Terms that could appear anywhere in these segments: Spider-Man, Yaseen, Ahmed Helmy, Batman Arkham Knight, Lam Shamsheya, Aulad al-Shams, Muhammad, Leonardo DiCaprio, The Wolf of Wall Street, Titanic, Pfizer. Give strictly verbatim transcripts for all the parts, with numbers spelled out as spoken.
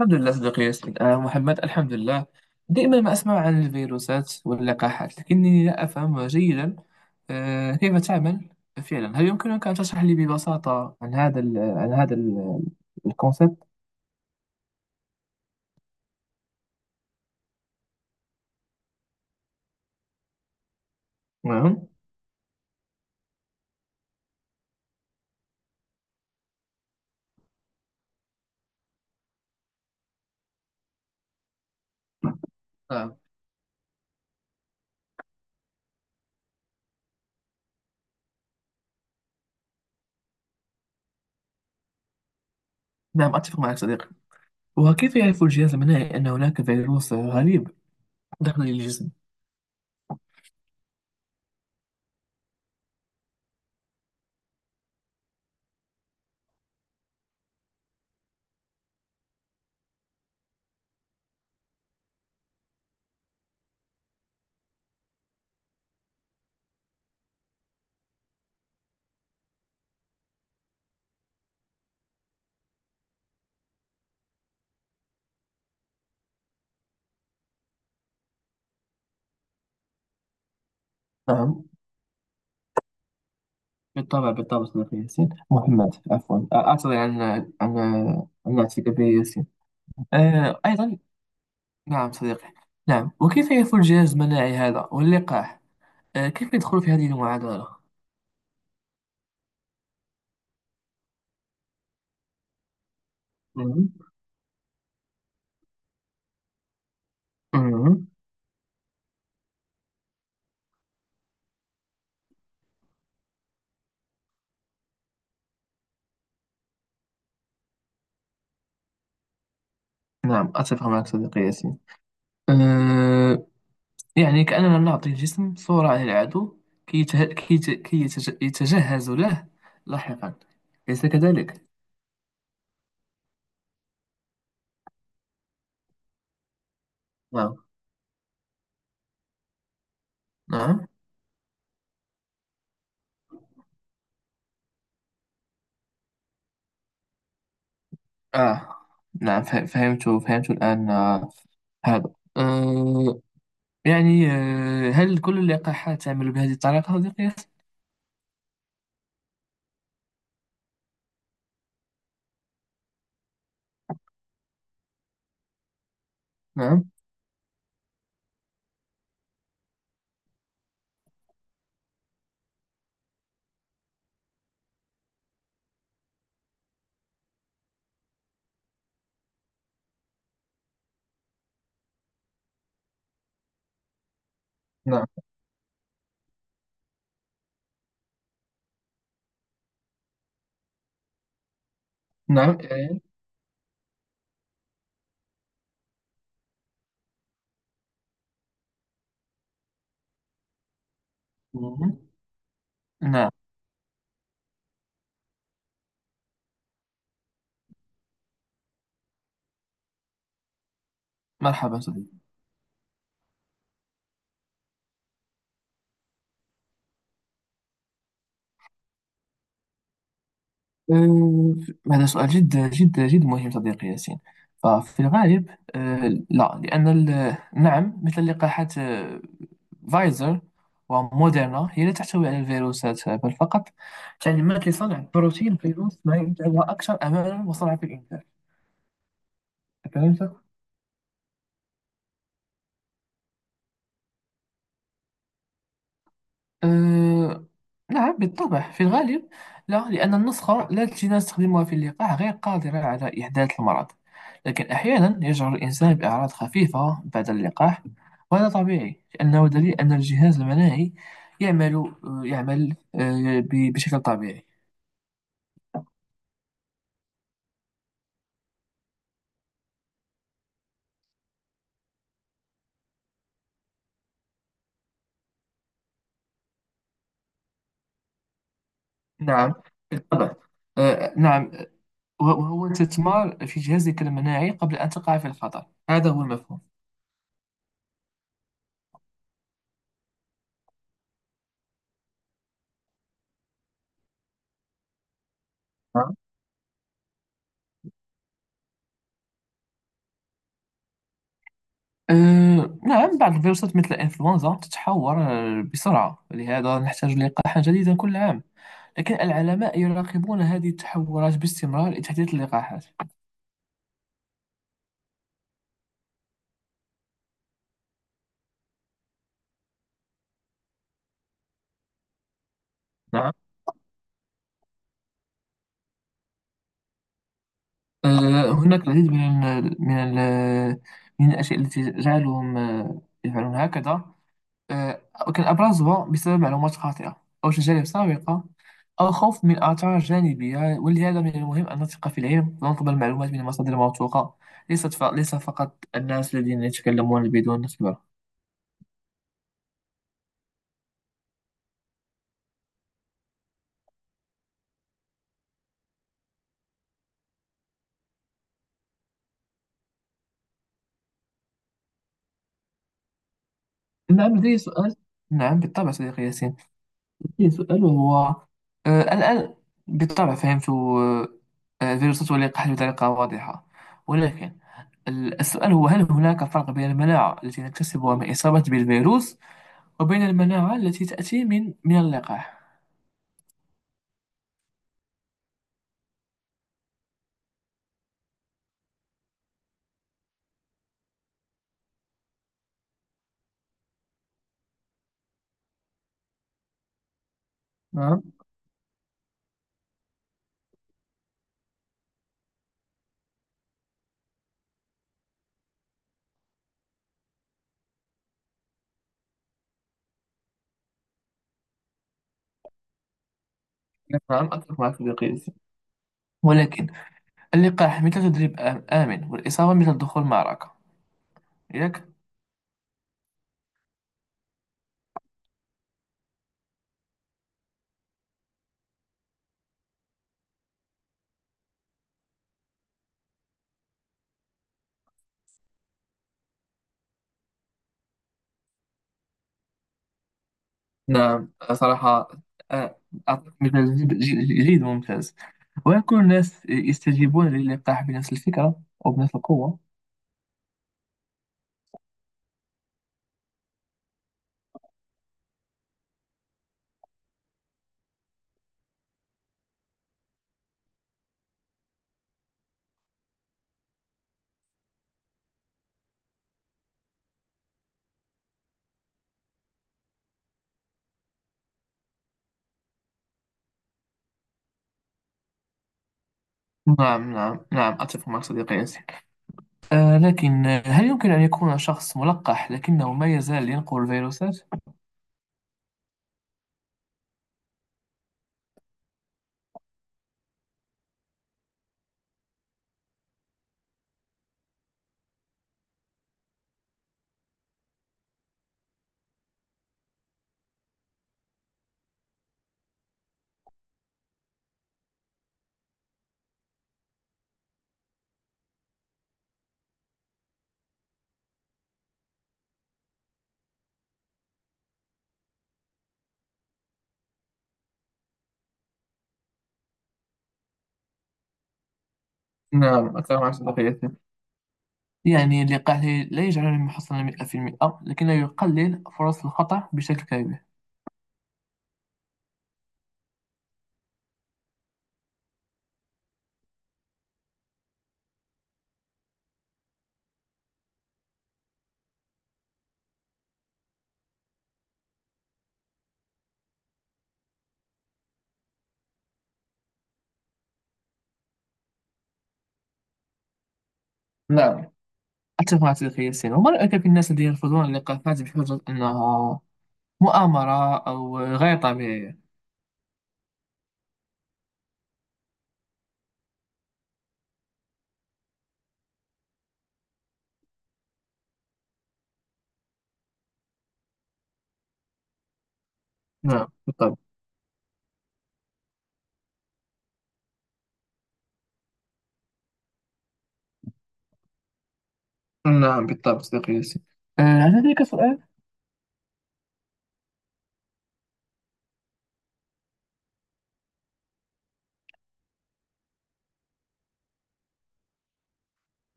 الحمد لله، صديقي ياسين آه محمد. الحمد لله. دائما ما أسمع عن الفيروسات واللقاحات، لكنني لا أفهم جيدا آه كيف تعمل فعلا. هل يمكنك أن تشرح لي ببساطة عن هذا ال عن هذا ال- الكونسيبت؟ نعم. آه. نعم، أتفق معك صديقي. وكيف يعرف الجهاز المناعي أن هناك فيروس غريب دخل الجسم؟ نعم، بالطبع بالطبع صديقي ياسين، محمد، عفوا، آه، أعتذر عن عن عن نعتك به ياسين. آه، أيضا. نعم صديقي. نعم، وكيف يفعل الجهاز المناعي هذا واللقاح؟ آه، كيف يدخل في هذه المعادلة؟ مهم. مهم. نعم، أتفق معك صديقي ياسين. أه يعني كأننا نعطي الجسم صورة عن العدو، كي يته... كي يت- كي يتج... يتجهز له لاحقا، أليس كذلك؟ نعم، نعم، آه نعم. فه- فهمت فهمت الآن. آه، هذا. أه يعني أه هل كل اللقاحات تعمل بهذه الطريقة صديقي ياسين؟ نعم، نعم، نعم. مهم. نعم. مرحبا صديقي. أه، هذا سؤال جدا جدا جدا مهم صديقي ياسين. ففي الغالب أه، لا، لأن ال- نعم، مثل لقاحات أه، فايزر وموديرنا، هي لا تحتوي على الفيروسات، بل فقط تعليمات لصنع بروتين فيروس ما، يجعلها أكثر أمانا وسرعة في الإنتاج. أفهمت؟ أه نعم، بالطبع. في الغالب لا، لأن النسخة لا التي نستخدمها في اللقاح غير قادرة على إحداث المرض. لكن أحيانا يشعر الإنسان بأعراض خفيفة بعد اللقاح، وهذا طبيعي لأنه دليل أن الجهاز المناعي يعمل. آه، يعمل أه، ب- بشكل طبيعي. نعم، بالطبع. أه، نعم. وهو استثمار في جهازك المناعي قبل أن تقع في الخطر، هذا هو المفهوم. أه، نعم. بعض الفيروسات مثل الإنفلونزا تتحور أه، بسرعة، لهذا نحتاج لقاحا جديدا كل عام، لكن العلماء يراقبون هذه التحورات باستمرار لتحديث اللقاحات. نعم. أه، هناك العديد من ال من ال من الأشياء التي تجعلهم أه، يفعلون هكذا. آه، كالأبرزها بسبب معلومات خاطئة أو تجارب سابقة أو خوف من آثار جانبية، ولهذا من المهم أن نثق في العلم ونطلب المعلومات من مصادر موثوقة، ليست ف... ليس فقط الناس الذين يتكلمون بدون خبرة. نعم، لدي سؤال. نعم، بالطبع صديقي ياسين. لدي سؤال، وهو آه، الآن، بالطبع فهمت آه، آه، فيروسات واللقاح بطريقة واضحة، ولكن السؤال هو: هل هناك فرق بين المناعة التي نكتسبها من إصابة بالفيروس، وبين المناعة التي تأتي من من اللقاح؟ نعم. نعم، أتفق مع صديقي ياسين. ولكن اللقاح مثل تدريب آم- آمن، والإصابة مثل دخول معركة، ياك؟ نعم، صراحة. آه، أعطيك مثال جد- جد- جيد وممتاز. وهل كل الناس يستجيبون للقاح بنفس الفكرة أو بنفس القوة؟ نعم، نعم، نعم، أتفق مع صديقي ياسين. آه لكن، آه، هل يمكن أن يكون شخص ملقح لكنه ما يزال ينقل الفيروسات؟ نعم، أتفق مع صديقي ياسين. يعني لقحه لا يجعلني محصنا مئة بالمئة، لكنه يقلل فرص الخطأ بشكل كبير. نعم، أتفق مع تلك السنة. وما رأيك في الناس الذين يرفضون اللقاحات بحجة أنها مؤامرة أو غير طبيعية؟ نعم، بالطبع. نعم، بالطبع صديقي ياسين. أه، هل لديك سؤال؟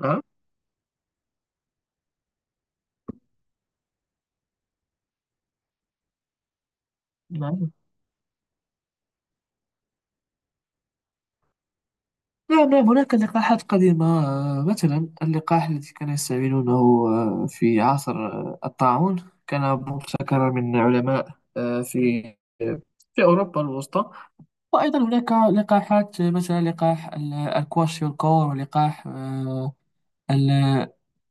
نعم، نعم، نعم. نعم، هناك لقاحات قديمة. آه، مثلا اللقاح الذي كانوا يستعملونه آه، في عصر آه، الطاعون كان مبتكرا من علماء آه، في في أوروبا الوسطى. وأيضا هناك لقاحات، مثلا لقاح ال- الكواشيوركور، ولقاح آه، ال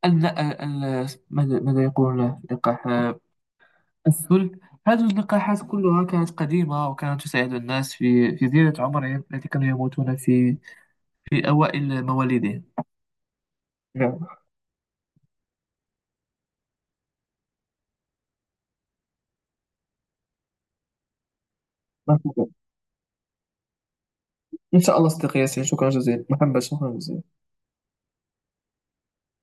ال- ال- ماذا ماذا يقولون، لقاح آه، السل. هذه اللقاحات كلها كانت قديمة، وكانت تساعد الناس في في زيادة عمرهم، التي كانوا يموتون في في أوائل مواليدهم. نعم. ما شاء الله. إن شاء الله صديقي ياسين، شكرا جزيلا، محمد، شكرا جزيلا.